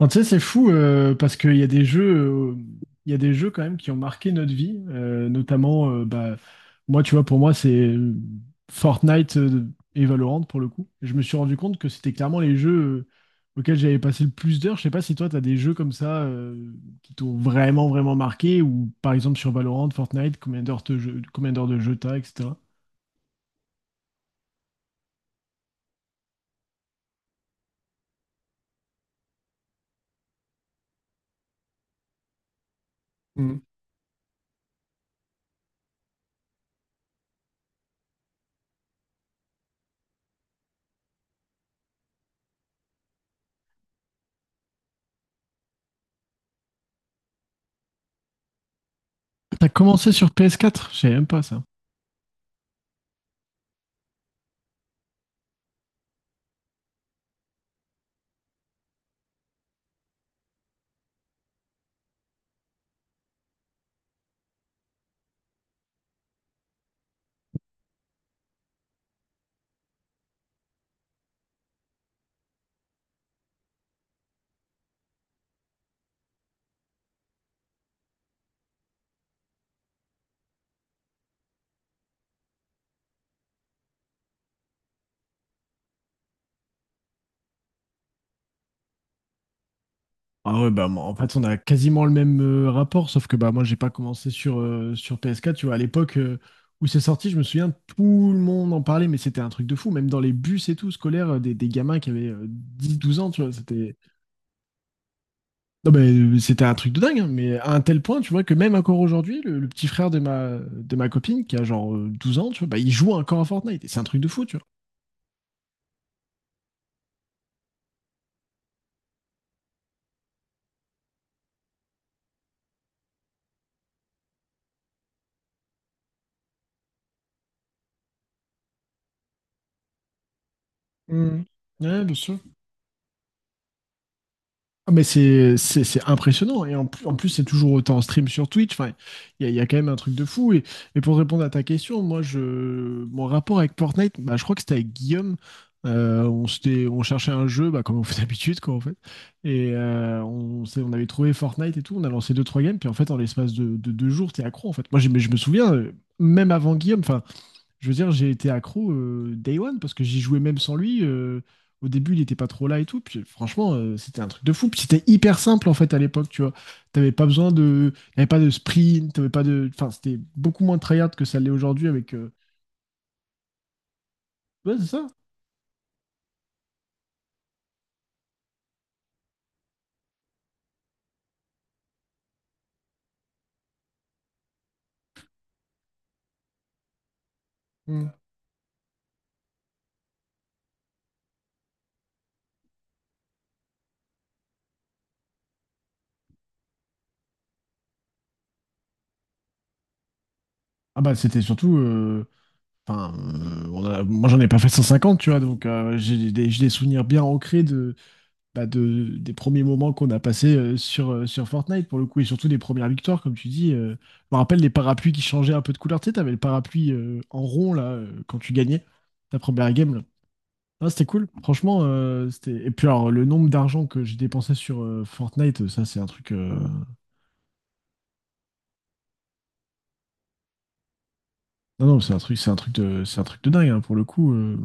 Non, tu sais, c'est fou parce qu'il y a des jeux quand même qui ont marqué notre vie, notamment, bah, moi, tu vois, pour moi, c'est Fortnite et Valorant pour le coup. Je me suis rendu compte que c'était clairement les jeux auxquels j'avais passé le plus d'heures. Je sais pas si toi, t'as des jeux comme ça qui t'ont vraiment, vraiment marqué, ou par exemple sur Valorant, Fortnite, combien d'heures de jeu t'as, etc. Mhm. T'as commencé sur PS4? Je savais même pas ça. Ah ouais, bah, moi, en fait, on a quasiment le même rapport, sauf que bah, moi, j'ai pas commencé sur PS4. Tu vois, à l'époque où c'est sorti, je me souviens, tout le monde en parlait, mais c'était un truc de fou. Même dans les bus et tout, scolaires, des gamins qui avaient 10-12 ans, tu vois, c'était. Non, mais c'était un truc de dingue, hein, mais à un tel point, tu vois, que même encore aujourd'hui, le petit frère de ma copine, qui a genre 12 ans, tu vois, bah, il joue encore à Fortnite. Et c'est un truc de fou, tu vois. Hmm. Ouais, bien sûr. Ah, mais c'est impressionnant. Et en plus, c'est toujours autant en stream sur Twitch. Enfin, il y a quand même un truc de fou. Et, pour répondre à ta question, moi, mon rapport avec Fortnite, bah, je crois que c'était avec Guillaume. On cherchait un jeu, bah, comme on fait d'habitude, quoi, en fait. Et on avait trouvé Fortnite et tout. On a lancé deux, trois games. Puis en fait, en l'espace de 2 jours, t'es accro, en fait. Moi, mais je me souviens, même avant Guillaume, enfin, je veux dire, j'ai été accro day one parce que j'y jouais même sans lui. Au début, il était pas trop là et tout. Puis franchement, c'était un truc de fou. Puis c'était hyper simple en fait à l'époque, tu vois. T'avais pas besoin de. T'avais pas de sprint, t'avais pas de. Enfin, c'était beaucoup moins tryhard que ça l'est aujourd'hui avec. Ouais, c'est ça. Mm. Ah bah, c'était surtout. Enfin, moi j'en ai pas fait 150, tu vois. Donc j'ai des souvenirs bien ancrés des premiers moments qu'on a passés sur Fortnite pour le coup, et surtout des premières victoires, comme tu dis. Je me rappelle les parapluies qui changeaient un peu de couleur. Tu sais, t'avais le parapluie en rond là quand tu gagnais ta première game. Là. Ah, c'était cool. Franchement, c'était. Et puis alors le nombre d'argent que j'ai dépensé sur Fortnite, ça c'est un truc. Non non, c'est un truc de, c'est un truc de dingue hein, pour le coup.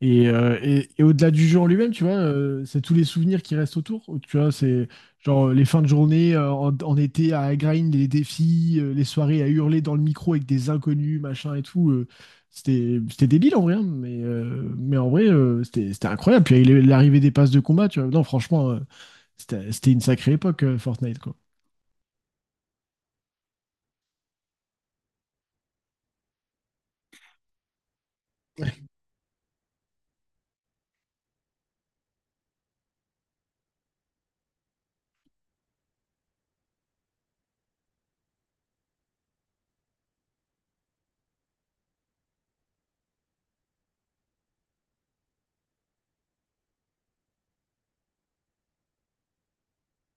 Et au-delà du jeu en lui-même, tu vois, c'est tous les souvenirs qui restent autour. Tu vois, c'est genre les fins de journée en été à grind, les défis, les soirées à hurler dans le micro avec des inconnus, machin et tout. C'était débile en vrai, hein, mais en vrai, c'était incroyable. Puis l'arrivée des passes de combat, tu vois, non, franchement, c'était une sacrée époque, Fortnite, quoi.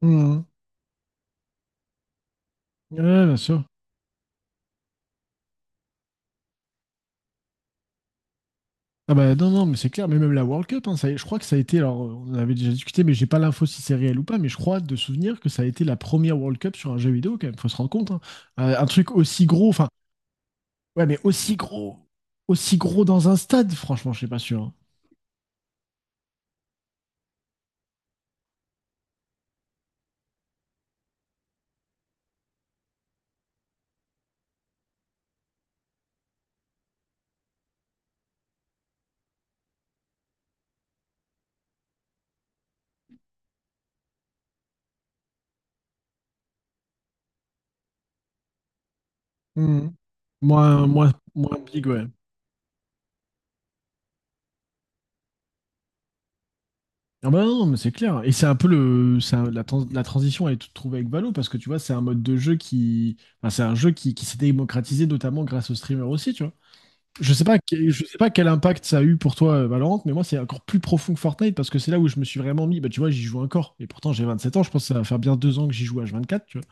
Mhm. Ouais, bien sûr. Ah bah non, non, mais c'est clair, mais même la World Cup, hein, je crois que ça a été, alors on en avait déjà discuté, mais j'ai pas l'info si c'est réel ou pas, mais je crois de souvenir que ça a été la première World Cup sur un jeu vidéo quand même, faut se rendre compte. Hein. Un truc aussi gros, enfin, ouais, mais aussi gros dans un stade, franchement, je suis pas sûr. Hein. Mhm. Moins, moins, moins big, ouais. Ah bah non, mais c'est clair. Et c'est un peu le, c'est un- la, trans- la transition, elle est toute trouvée avec Valo, parce que tu vois, c'est un jeu qui s'est démocratisé notamment grâce aux streamers aussi, tu vois. Je sais pas quel impact ça a eu pour toi, Valorant, mais moi, c'est encore plus profond que Fortnite parce que c'est là où je me suis vraiment mis. Bah, tu vois, j'y joue encore. Et pourtant, j'ai 27 ans. Je pense que ça va faire bien 2 ans que j'y joue H24, tu vois.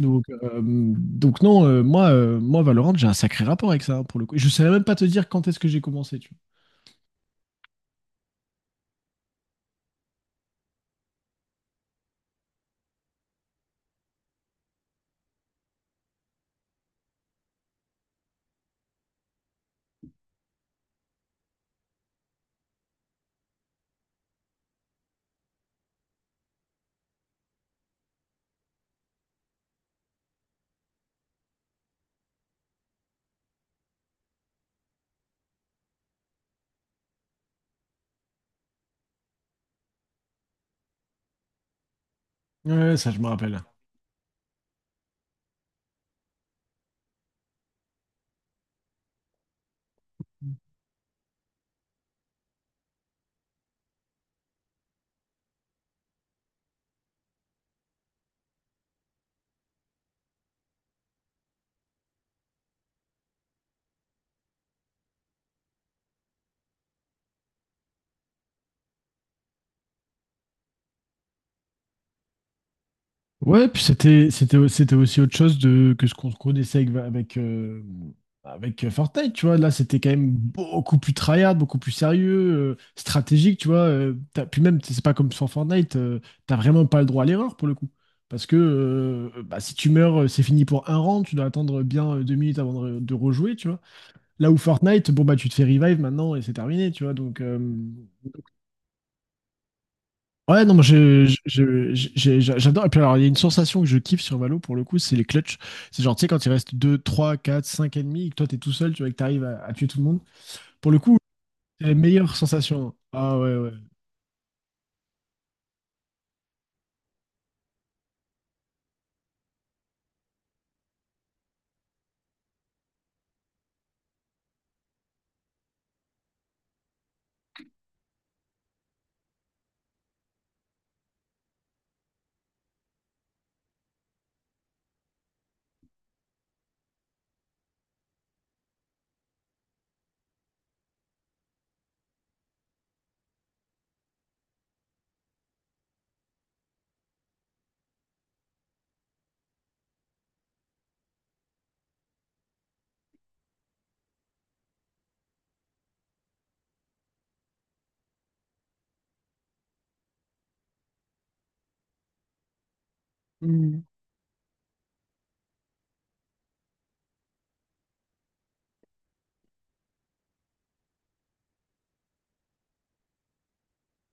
Donc, non, moi, Valorant, j'ai un sacré rapport avec ça, hein, pour le coup. Et je savais même pas te dire quand est-ce que j'ai commencé, tu vois. Ouais, ça, je me rappelle. Ouais, puis c'était aussi autre chose de que ce qu'on connaissait avec Fortnite, tu vois. Là, c'était quand même beaucoup plus tryhard, beaucoup plus sérieux, stratégique, tu vois. Puis même, c'est pas comme sur Fortnite, t'as vraiment pas le droit à l'erreur pour le coup, parce que bah, si tu meurs, c'est fini pour un rang, tu dois attendre bien 2 minutes avant de rejouer, tu vois. Là où Fortnite, bon, bah, tu te fais revive maintenant et c'est terminé, tu vois. Donc, ouais, non, moi, j'adore. Et puis, alors, il y a une sensation que je kiffe sur Valo pour le coup, c'est les clutches. C'est genre, tu sais, quand il reste 2, 3, 4, 5 ennemis et que toi, t'es tout seul, tu vois, et que t'arrives à tuer tout le monde. Pour le coup, c'est la meilleure sensation. Ah ouais, ouais. Mm.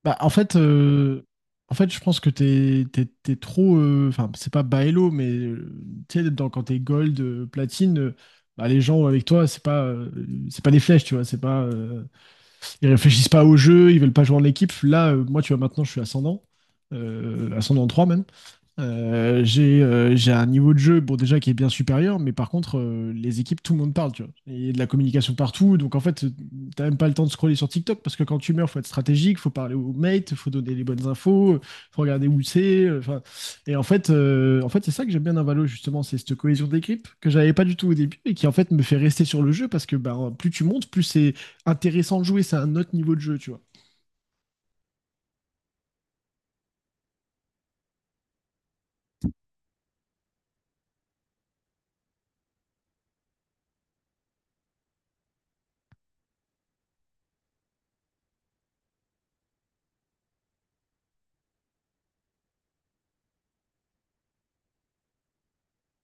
Bah, en fait, je pense que t'es trop. Enfin, c'est pas bas elo, mais tu sais, quand t'es gold, platine. Bah, les gens avec toi, c'est pas des flèches, tu vois, c'est pas, ils réfléchissent pas au jeu, ils veulent pas jouer en équipe. Là, moi, tu vois, maintenant, je suis ascendant 3 même. J'ai un niveau de jeu bon déjà qui est bien supérieur mais par contre les équipes tout le monde parle tu vois et il y a de la communication partout donc en fait t'as même pas le temps de scroller sur TikTok parce que quand tu meurs faut être stratégique faut parler aux mates faut donner les bonnes infos faut regarder où c'est enfin et en fait c'est ça que j'aime bien dans Valo justement c'est cette cohésion d'équipe que j'avais pas du tout au début et qui en fait me fait rester sur le jeu parce que bah, plus tu montes plus c'est intéressant de jouer c'est un autre niveau de jeu tu vois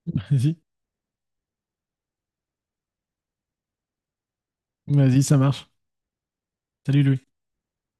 vas-y vas-y ça marche salut Louis